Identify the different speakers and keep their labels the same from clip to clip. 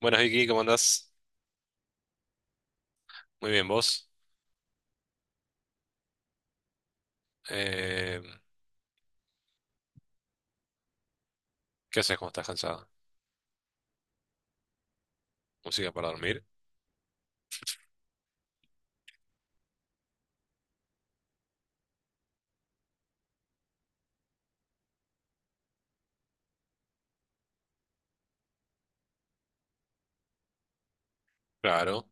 Speaker 1: Buenas Vicky, ¿cómo andás? Muy bien, ¿vos? Eh, ¿Qué haces cuando estás cansada? ¿Música para dormir? Claro,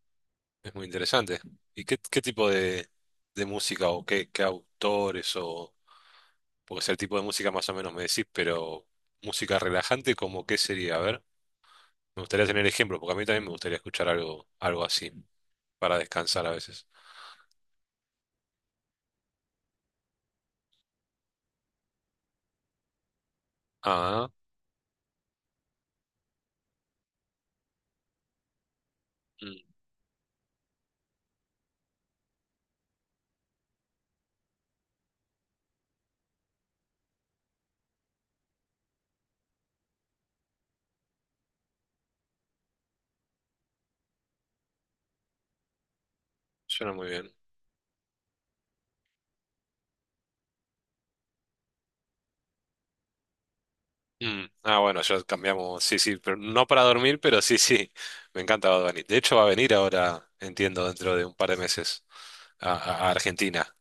Speaker 1: es muy interesante. ¿Y qué tipo de música o qué autores o... Porque sea el tipo de música más o menos me decís, pero música relajante, ¿cómo qué sería? A ver, me gustaría tener ejemplo, porque a mí también me gustaría escuchar algo así, para descansar a veces. Ah, mm, suena muy bien. Mm, ah, bueno, ya cambiamos. Sí, sí, pero no para dormir, pero sí, sí. Me encanta Bad Bunny. De hecho, va a venir ahora, entiendo, dentro de un par de meses a Argentina.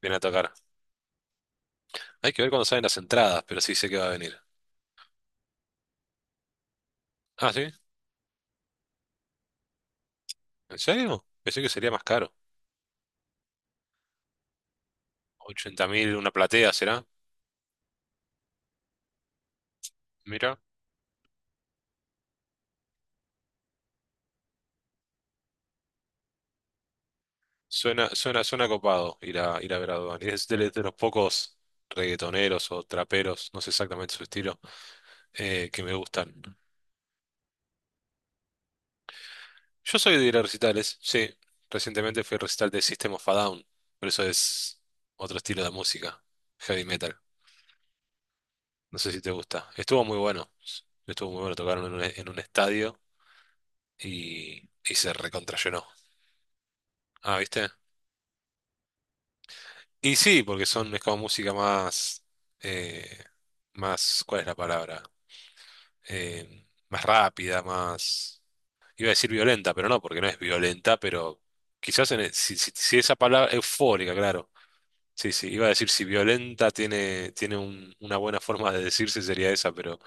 Speaker 1: Viene a tocar. Hay que ver cuándo salen las entradas, pero sí sé que va a venir. Ah, ¿sí? ¿En serio? Pensé que sería más caro. 80.000 una platea, ¿será? Mira, suena copado ir a ver a Bad Bunny. Es de los pocos reggaetoneros o traperos, no sé exactamente su estilo, que me gustan. Yo soy de ir a recitales, sí. Recientemente fui al recital de System of a Down, pero eso es otro estilo de música, heavy metal. No sé si te gusta. Estuvo muy bueno. Estuvo muy bueno, tocaron en un estadio y se recontrallenó. Ah, ¿viste? Y sí, porque es como música más, eh, más, ¿cuál es la palabra? Más rápida, más. Iba a decir violenta, pero no, porque no es violenta, pero quizás si esa palabra, eufórica, claro. Sí, sí, iba a decir si violenta tiene una buena forma de decirse sería esa, pero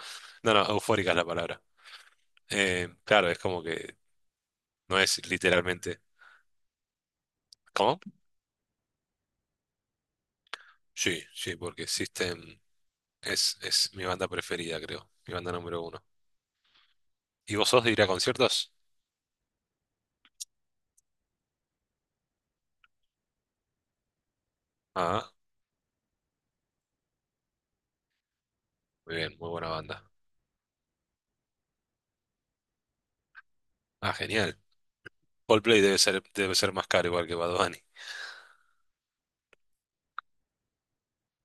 Speaker 1: no, no, eufórica es la palabra. Claro, es como que no es literalmente. ¿Cómo? Sí, sí, porque System es mi banda preferida, creo, mi banda número uno. ¿Y vos sos de ir a conciertos? Ah, muy bien, muy buena banda. Ah, genial. Coldplay debe ser más caro igual que Bad Bunny.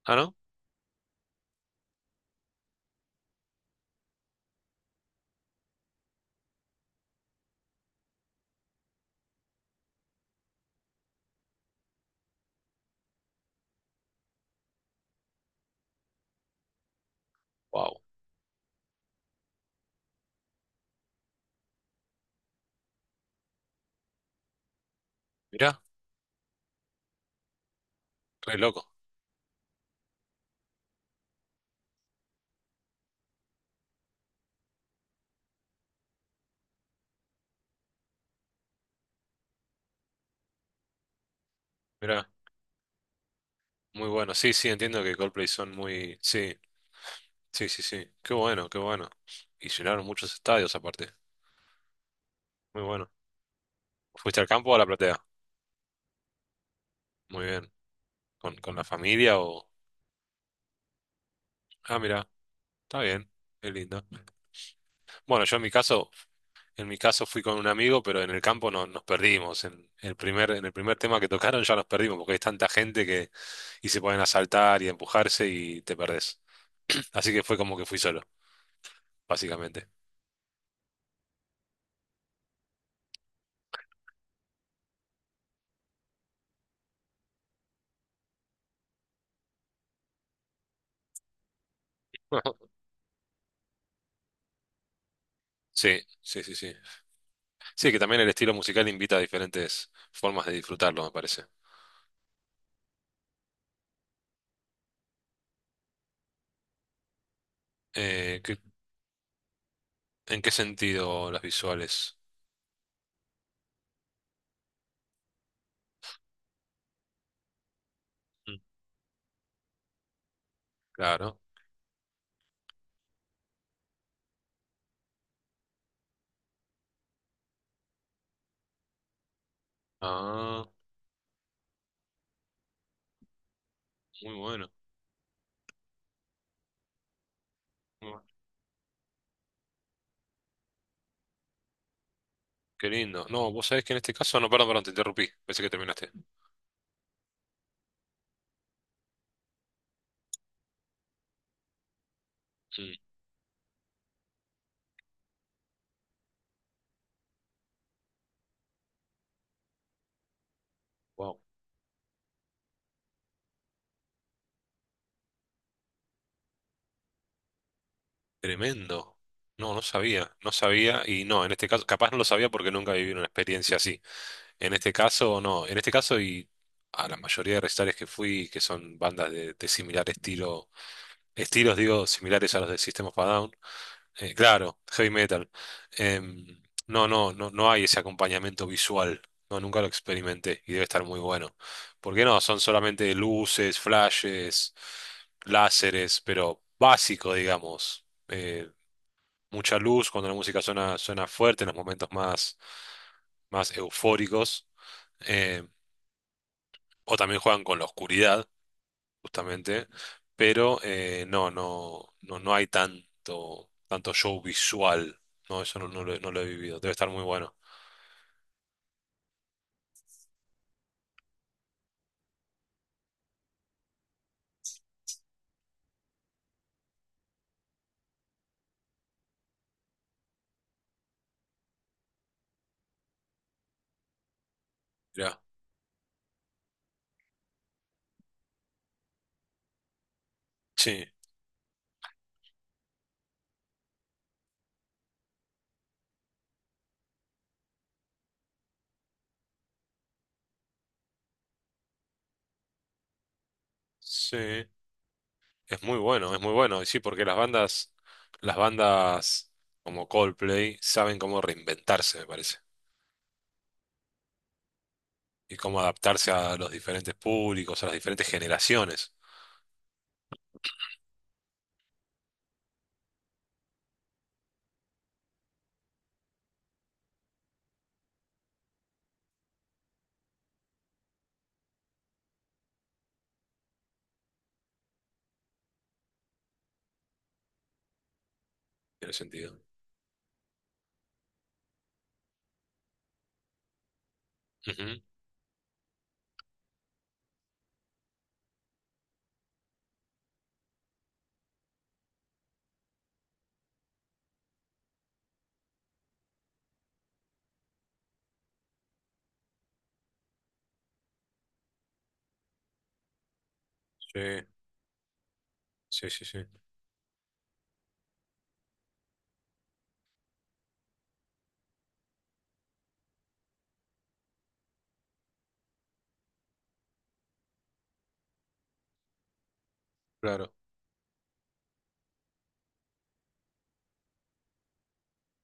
Speaker 1: Ah, ¿no? Wow. Mirá, re loco. Mirá, muy bueno. Sí, sí, entiendo que Coldplay son muy. Sí. Sí, sí, sí. Qué bueno, qué bueno. Y llenaron muchos estadios aparte. Muy bueno. ¿Fuiste al campo o a la platea? Muy bien. ¿Con la familia o? Ah, mira, está bien. Qué lindo. Bueno, yo en mi caso fui con un amigo, pero en el campo no, nos perdimos. En el primer tema que tocaron ya nos perdimos, porque hay tanta gente que y se pueden asaltar y empujarse y te perdés. Así que fue como que fui solo, básicamente. Sí, sí, sí, sí. Sí, que también el estilo musical invita a diferentes formas de disfrutarlo, me parece. Eh, ¿qué- ¿En qué sentido las visuales? Mm. Claro. Ah, muy bueno. Muy bueno. Qué lindo. No, vos sabés que en este caso, no, perdón, perdón, te interrumpí. Pensé que terminaste. Wow. Tremendo. No, no sabía, no sabía y no, en este caso, capaz no lo sabía porque nunca viví una experiencia así. En este caso, no, en este caso y a la mayoría de recitales que fui, que son bandas de similar estilo. Estilos, digo, similares a los de System of a Down. Claro, heavy metal. Em, no, no, no, no hay ese acompañamiento visual. No, nunca lo experimenté y debe estar muy bueno. ¿Por qué no? Son solamente luces, flashes, láseres, pero básico, digamos. Mucha luz cuando la música suena fuerte en los momentos más, más eufóricos. Eh, o también juegan con la oscuridad justamente, pero no, no, no, no hay tanto show visual. No, eso no, no lo he vivido. Debe estar muy bueno. Mirá. Sí, sí. Es muy bueno, es muy bueno. Y sí, porque las bandas como Coldplay saben cómo reinventarse, me parece. Y cómo adaptarse a los diferentes públicos, a las diferentes generaciones, en el sentido. Ujú. Sí, sí, sí, sí. Claro.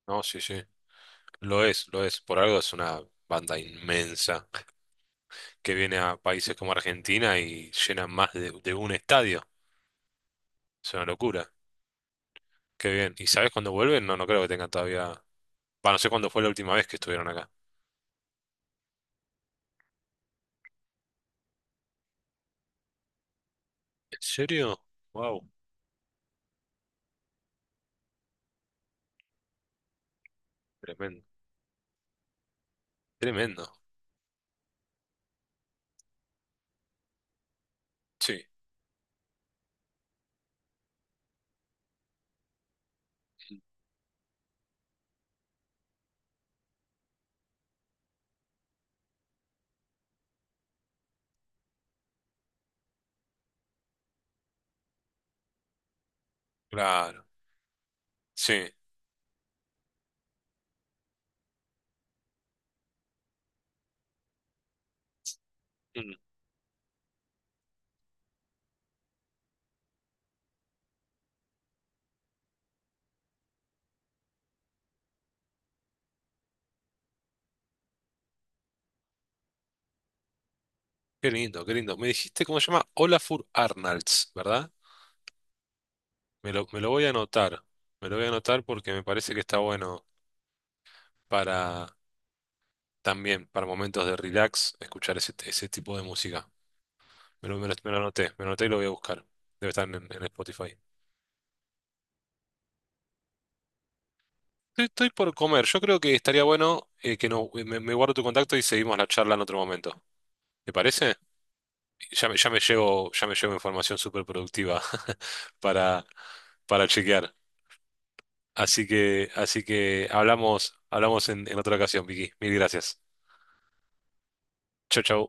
Speaker 1: No, sí, sí. Lo es, lo es. Por algo es una banda inmensa. Que viene a países como Argentina y llenan más de un estadio. Es una locura. Qué bien. ¿Y sabes cuándo vuelven? No, no creo que tengan todavía. Va, no sé cuándo fue la última vez que estuvieron acá. ¿En serio? Wow, tremendo. Tremendo. Sí, claro. Sí. Mm, qué lindo, qué lindo. Me dijiste cómo se llama Olafur Arnalds, ¿verdad? Me lo voy a anotar. Me lo voy a anotar porque me parece que está bueno para también, para momentos de relax, escuchar ese tipo de música. Me lo anoté, me lo anoté y lo voy a buscar. Debe estar en Spotify. Estoy por comer. Yo creo que estaría bueno que no, me guardo tu contacto y seguimos la charla en otro momento. ¿Te parece? Ya me llevo información súper productiva para, para chequear. Así que hablamos en otra ocasión, Vicky. Mil gracias. Chau, chau.